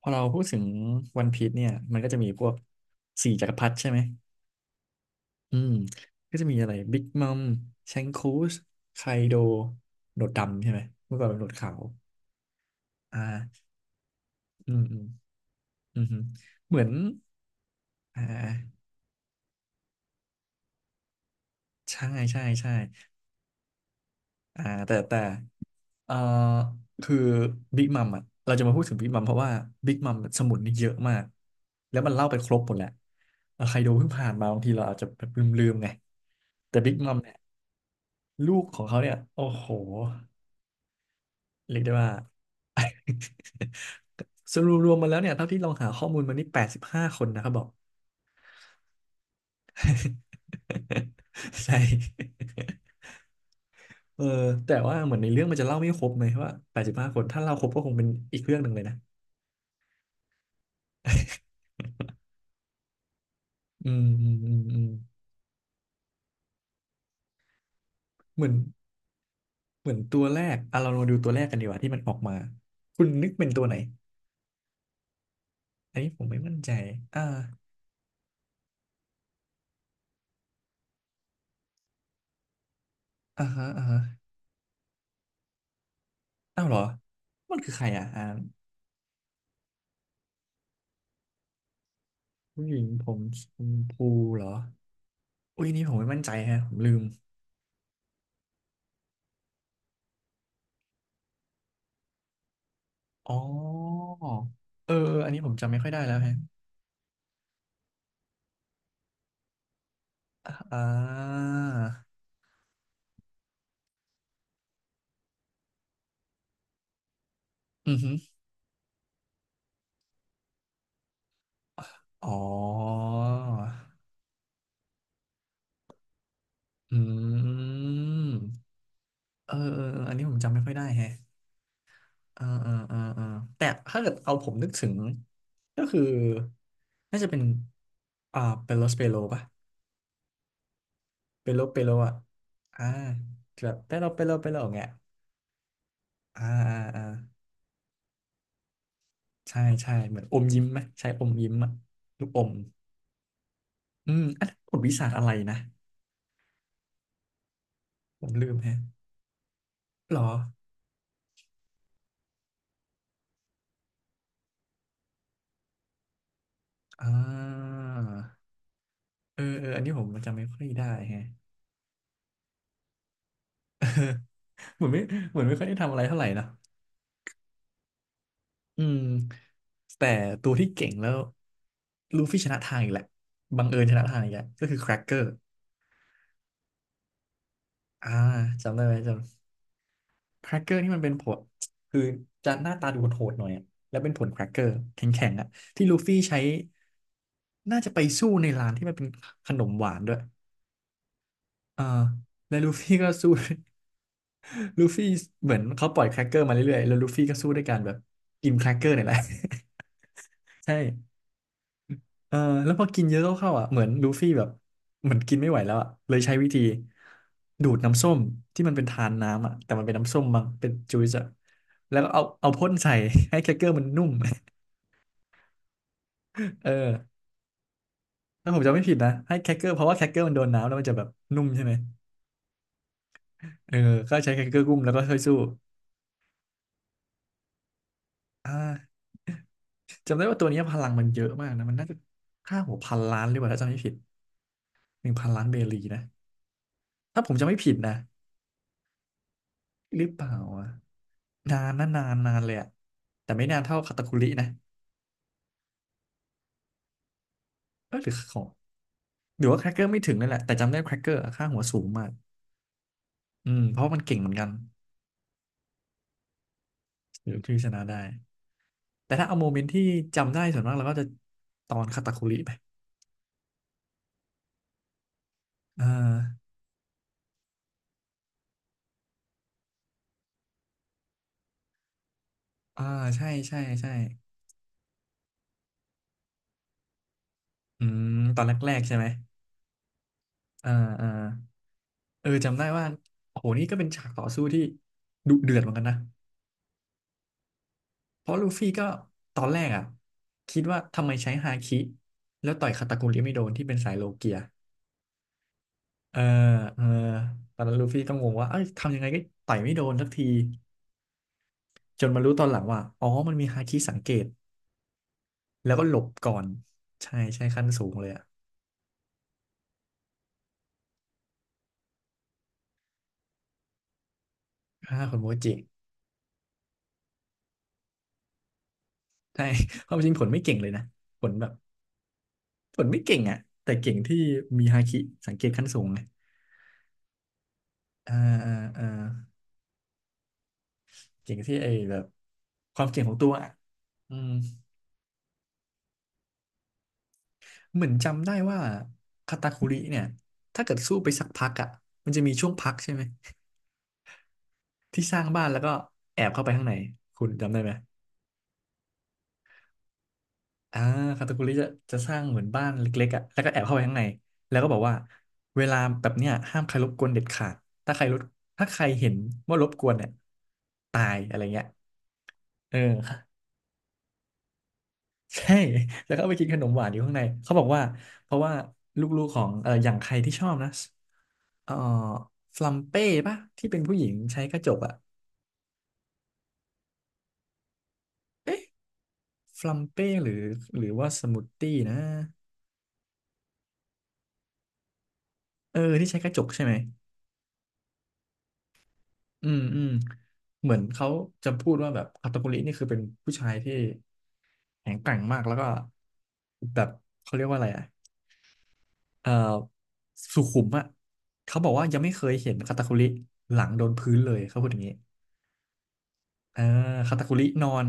พอเราพูดถึงวันพีซเนี่ยมันก็จะมีพวกสี่จักรพรรดิใช่ไหมอืมก็จะมีอะไรบิ๊กมัมแชงคูสไคโดหนวดดำใช่ไหมเมื่อก่อนเป็นหนวดขาวอ่าอืมอืมอืมฮึเหมือนอ่าใช่ใช่ใช่อ่าแต่เอ่อคือบิ๊กมัมอ่ะเราจะมาพูดถึงบิ๊กมัมเพราะว่าบิ๊กมัมสมุนนี่เยอะมากแล้วมันเล่าไปครบหมดแหละแล้วไคโดเพิ่งผ่านมาบางทีเราอาจจะแบบลืมๆไงแต่บิ๊กมัมเนี่ย ลูกของเขาเนี่ยโอ้โหเรียกได้ว่า สรุปรวมมาแล้วเนี่ยเท่าที่ลองหาข้อมูลมานี่แปดสิบห้าคนนะครับบอก ใช่เออแต่ว่าเหมือนในเรื่องมันจะเล่าไม่ครบไหมว่าแปดสิบห้าคน ถ้าเล่าครบก็คงเป็นอีกเรื่องหนึ่งเลยนะอืมอืมอืมอืมเหมือนเหมือนตัวแรกอ่ะเรามาดูตัวแรกกันดีกว่าที่มันออกมา คุณนึกเป็นตัวไหนอันนี้ผมไม่มั่นใจอ่าอ่าฮะอ่าฮะอ้าวเหรอมันคือใครอ่ะอ่า ผู้หญิงผมชมพูเหรออุ้ยนี่ผมไม่มั่นใจฮะผมลืมอ๋อเออเอออันนี้ผมจำไม่ค่อยได้แล้วฮะอ่าอือหืออ๋ออืมเออเออเอออันนี้ผมจำไม่ค่อยได้แฮะเออเออเออเออแต่ถ้าเกิดเอาผมนึกถึง ก็คือน่าจะเป็น อ่าเปโลสเปโลป่ะเปโลเปโลอ่ะอ่าแบบเปโลเปโลเปโลอย่างเงี้ยอ่าอ่าอ่า ใช่ใช่เหมือนอมยิ้มไหมใช่อมยิ้มอะลูกอมอืมอันนั้นบทวิสาหอะไรนะผมลืมแฮะหรออ่าเออเอออันนี้ผมจำไม่ค่อยได้แฮะ เหมือนไม่เหมือนไม่ค่อยได้ทำอะไรเท่าไหร่นะอืมแต่ตัวที่เก่งแล้วลูฟี่ชนะทางอีกแหละบังเอิญชนะทางอีกแหละก็คือแครกเกอร์อ่าจำได้ไหมจำ แครกเกอร์ที่มันเป็นผลคือจะหน้าตาดูโหดๆหน่อยอะแล้วเป็นผลแครกเกอร์แข็งๆอ่ะที่ลูฟี่ใช้น่าจะไปสู้ในร้านที่มันเป็นขนมหวานด้วยเออแล้วลูฟี่ก็สู้ ลูฟี่เหมือนเขาปล่อยแครกเกอร์มาเรื่อยๆแล้วลูฟี่ก็สู้ด้วยการแบบกินแครกเกอร์เนี่ยแหละ ใช่ เออแล้วพอกินเยอะเข้าๆอ่ะเหมือนลูฟี่แบบเหมือนกินไม่ไหวแล้วอ่ะเลยใช้วิธีดูดน้ำส้มที่มันเป็นทานน้ำอ่ะแต่มันเป็นน้ำส้มมั้งเป็นจูซอ่ะแล้วก็เอาพ่นใส่ ให้แครกเกอร์มันนุ่ม เออถ้าผมจำไม่ผิดนะให้แครกเกอร์เพราะว่าแครกเกอร์มันโดนน้ำแล้วมันจะแบบนุ่มใช่ไหมเออก็ใช้แครกเกอร์กุ้มแล้วก็ช่วยสู้อ่าจำได้ว่าตัวนี้พลังมันเยอะมากนะมันน่าจะค่าหัวพันล้านหรือเปล่าถ้าจำไม่ผิด1,000,000,000 เบรีนะถ้าผมจำไม่ผิดนะ หรือเปล่าอ่ะนานนะนานนานเลยอ่ะแต่ไม่นานเท่าคาตาคุรินะเออหรือของหรือว่าแครกเกอร์ไม่ถึงนั่นแหละแต่จำได้แครกเกอร์ค่าหัวสูงมากอืมเพราะมันเก่งเหมือนกันหรือที่ชนะได้แต่ถ้าเอาโมเมนต์ที่จำได้ส่วนมากเราก็จะตอนคาตาคุริไปอ่าอ่าใช่ใช่ใช่อืมตอนแรกๆใช่ไหมอ่าอ่าเออจำได้ว่าโอ้โหนี่ก็เป็นฉากต่อสู้ที่ดุเดือดเหมือนกันนะ เพราะลูฟี่ก็ตอนแรกอ่ะคิดว่าทำไมใช้ฮาคิแล้วต่อยคาตาคุริไม่โดนที่เป็นสายโลเกียเออเออตอนนั้นลูฟี่ก็งงว่าเอ้ยทำยังไงก็ต่อยไม่โดนสักทีจนมารู้ตอนหลังว่าอ๋อมันมีฮาคิสังเกตแล้วก็หลบก่อนใช่ใช่ขั้นสูงเลยอ่ะฆ่าคนโมจิใช่ ความจริงผลไม่เก่งเลยนะผลแบบผลไม่เก่งอ่ะแต่เก่งที่มีฮาคิสังเกตขั้นสูงไงอ่าอ่าอ่าเก่งที่ไอ้แบบความเก่งของตัวอ่ะอืม เหมือนจำได้ว่าคาตาคุริเนี่ยถ้าเกิดสู้ไปสักพักอ่ะมันจะมีช่วงพักใช่ไหมที่สร้างบ้านแล้วก็แอบเข้าไปข้างในคุณจำได้ไหมอ่าคาตาคุริจะสร้างเหมือนบ้านเล็กๆอ่ะแล้วก็แอบเข้าไปข้างในแล้วก็บอกว่าเวลาแบบเนี้ยห้ามใครรบกวนเด็ดขาดถ้าใครรบถ้าใครเห็นว่ารบกวนเนี่ยตายอะไรเงี้ยเออ ใช่ แล้วก็เอาไปกินขนมหวานอยู่ข้างในเขาบอกว่าเพราะว่าลูกๆของอย่างใครที่ชอบนะเอ่อฟลัมเป้ปะที่เป็นผู้หญิงใช้กระจกอะเอ๊ะฟลัมเป้หรือหรือว่าสมูทตี้นะเออที่ใช้กระจกใช่ไหมอืมอืมเหมือนเขาจะพูดว่าแบบคาตากุรินี่คือเป็นผู้ชายที่แข็งแกร่งมากแล้วก็แบบเขาเรียกว่าอะไรอะเอ่อสุขุมอ่ะเขาบอกว่ายังไม่เคยเห็นคาตาคุริหลังโดนพื้นเลยเขาพูดอย่างนี้ อ่าคาตาคุรินอน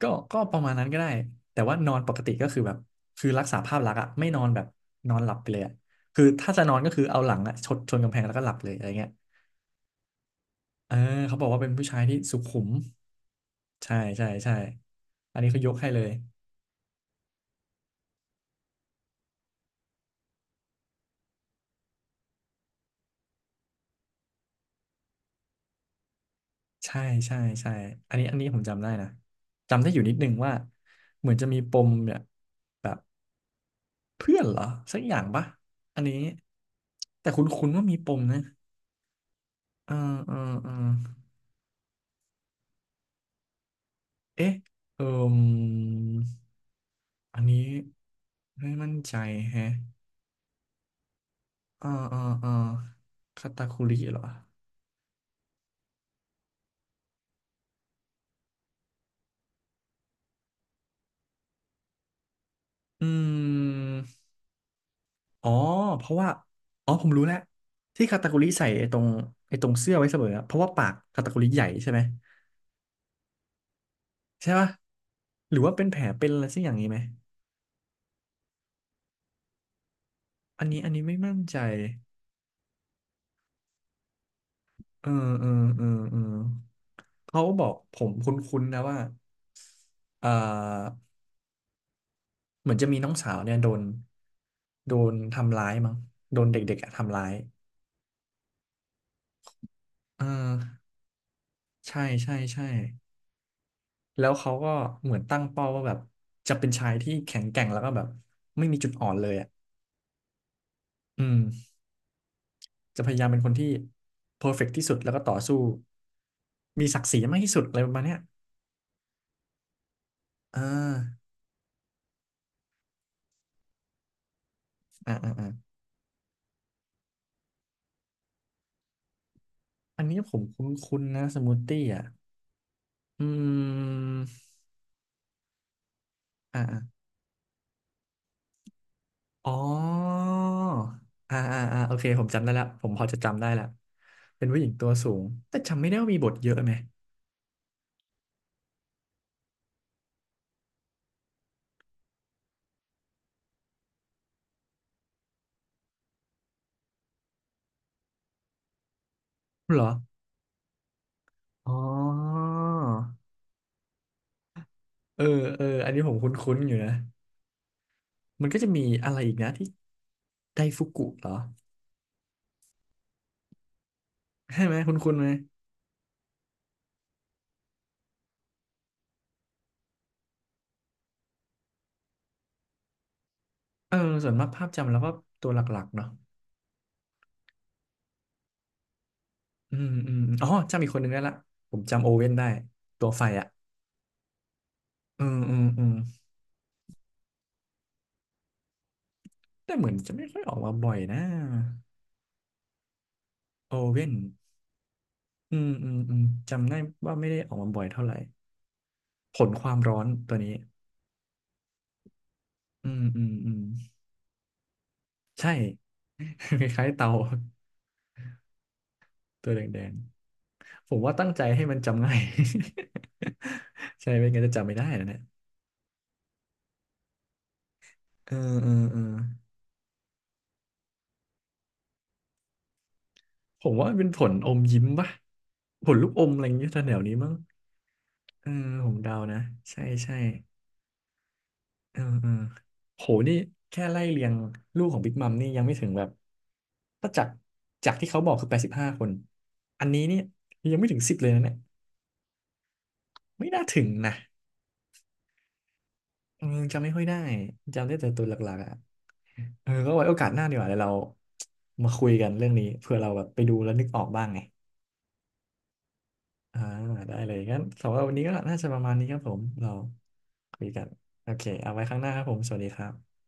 ก็ก็ประมาณนั้นก็ได้แต่ว่านอนปกติก็คือแบบคือรักษาภาพลักษณ์อะไม่นอนแบบนอนหลับไปเลยอะคือถ้าจะนอนก็คือเอาหลังอะชนกำแพงแล้วก็หลับเลยอะไรเงี้ยเออเขาบอกว่าเป็นผู้ชายที่สุขุมใช่ใช่ใช่อันนี้เขายกให้เลยใช่ใช่ใช่อันนี้อันนี้ผมจำได้นะจำได้อยู่นิดนึงว่าเหมือนจะมีปมเนี่ยแบบเพื่อนเหรอสักอย่างปะอันนี้แต่คุ้นๆว่ามีปมนะเออเออเออ เอ๊ะเอ่มอันนี้ไม่มั่นใจแฮะอ่าอ่าอ่าคาตาคุริเหรออืมอ๋อเพราะว่าอ๋อผมรู้แล้วที่คาตาคุริใส่ไอ้ตรงไอ้ตรงเสื้อไว้เสมออะเพราะว่าปากคาตาคุริใหญ่ใช่ไหมใช่ปะหรือว่าเป็นแผลเป็นอะไรสักอย่างนี้ไหมอันนี้อันนี้ไม่มั่นใจเออเออเออเออเขาบอกผมคุ้นๆนะว่าเอ่อ เหมือนจะมีน้องสาวเนี่ยโดน โดนทำร้ายมั้ง โดนเด็กๆอะทำร้ายเออใช่ใช่ใช่แล้วเขาก็เหมือนตั้งเป้าว่าแบบจะเป็นชายที่แข็งแกร่งแล้วก็แบบไม่มีจุดอ่อนเลยอ่ะอืมจะพยายามเป็นคนที่เพอร์เฟกต์ที่สุดแล้วก็ต่อสู้มีศักดิ์ศรีมากที่สุดอะไรประมาณเนี้ยอ่าอ่าอ่าอาอันนี้ผมคุ้นๆนะสมูทตี้อ่ะอืมอ่า อ๋อโอเคผมจำได้แล้วผมพอจะจำได้แล้วเป็นผู้หญิงตัวสูง แต่จำไม่ได้ว่ามีบทเยอะไหมเหรออ๋อเออเอออันนี้ผมคุ้นๆอยู่นะมันก็จะมีอะไรอีกนะที่ไดฟุกุเหรอใช่ไหมคุ้นๆไหมเออส่วนมากภาพจำแล้วก็ตัวหลักๆเนาะอืมอืมอ๋อจำอีกคนหนึ่งได้ละผมจำโอเว่นได้ตัวไฟอ่ะอืมอืมอืมแต่เหมือนจะไม่ค่อยออกมาบ่อยนะโอเว่น อืมอืมอืมจำได้ว่าไม่ได้ออกมาบ่อยเท่าไหร่ผลความร้อนตัวนี้อืมอืมอืมใช่ คล้ายๆเตาตัวแดงๆผมว่าตั้งใจให้มันจำง่าย ใช่ไม่งั้นจะจำไม่ได้นะเนี่ยเออเออเออผมว่ามันเป็นผลอมยิ้มปะผลลูกอมอะไรอย่างเงี้ยแถวๆนี้มั้งเออผมเดานะใช่ใช่ เออเออโหนี่แค่ไล่เรียงลูกของบิ๊กมัมนี่ยังไม่ถึงแบบถ้าจากจากที่เขาบอกคือ85คนอันนี้เนี่ยยังไม่ถึงสิบเลยนะเนี่ยไม่น่าถึงนะเออจำไม่ค่อยได้จำได้แต่ตัวหลักๆอ่ะเออก็ไว้โอกาสหน้าดีกว่าเดี๋ยวเรามาคุยกันเรื่องนี้เผื่อเราแบบไปดูแล้วนึกออกบ้างไงอ่าได้เลยงั้นสำหรับวันนี้ก็น่าจะประมาณนี้ครับผมเราคุยกันโอเคเอาไว้ข้างหน้าครับผมสวัสดีครับ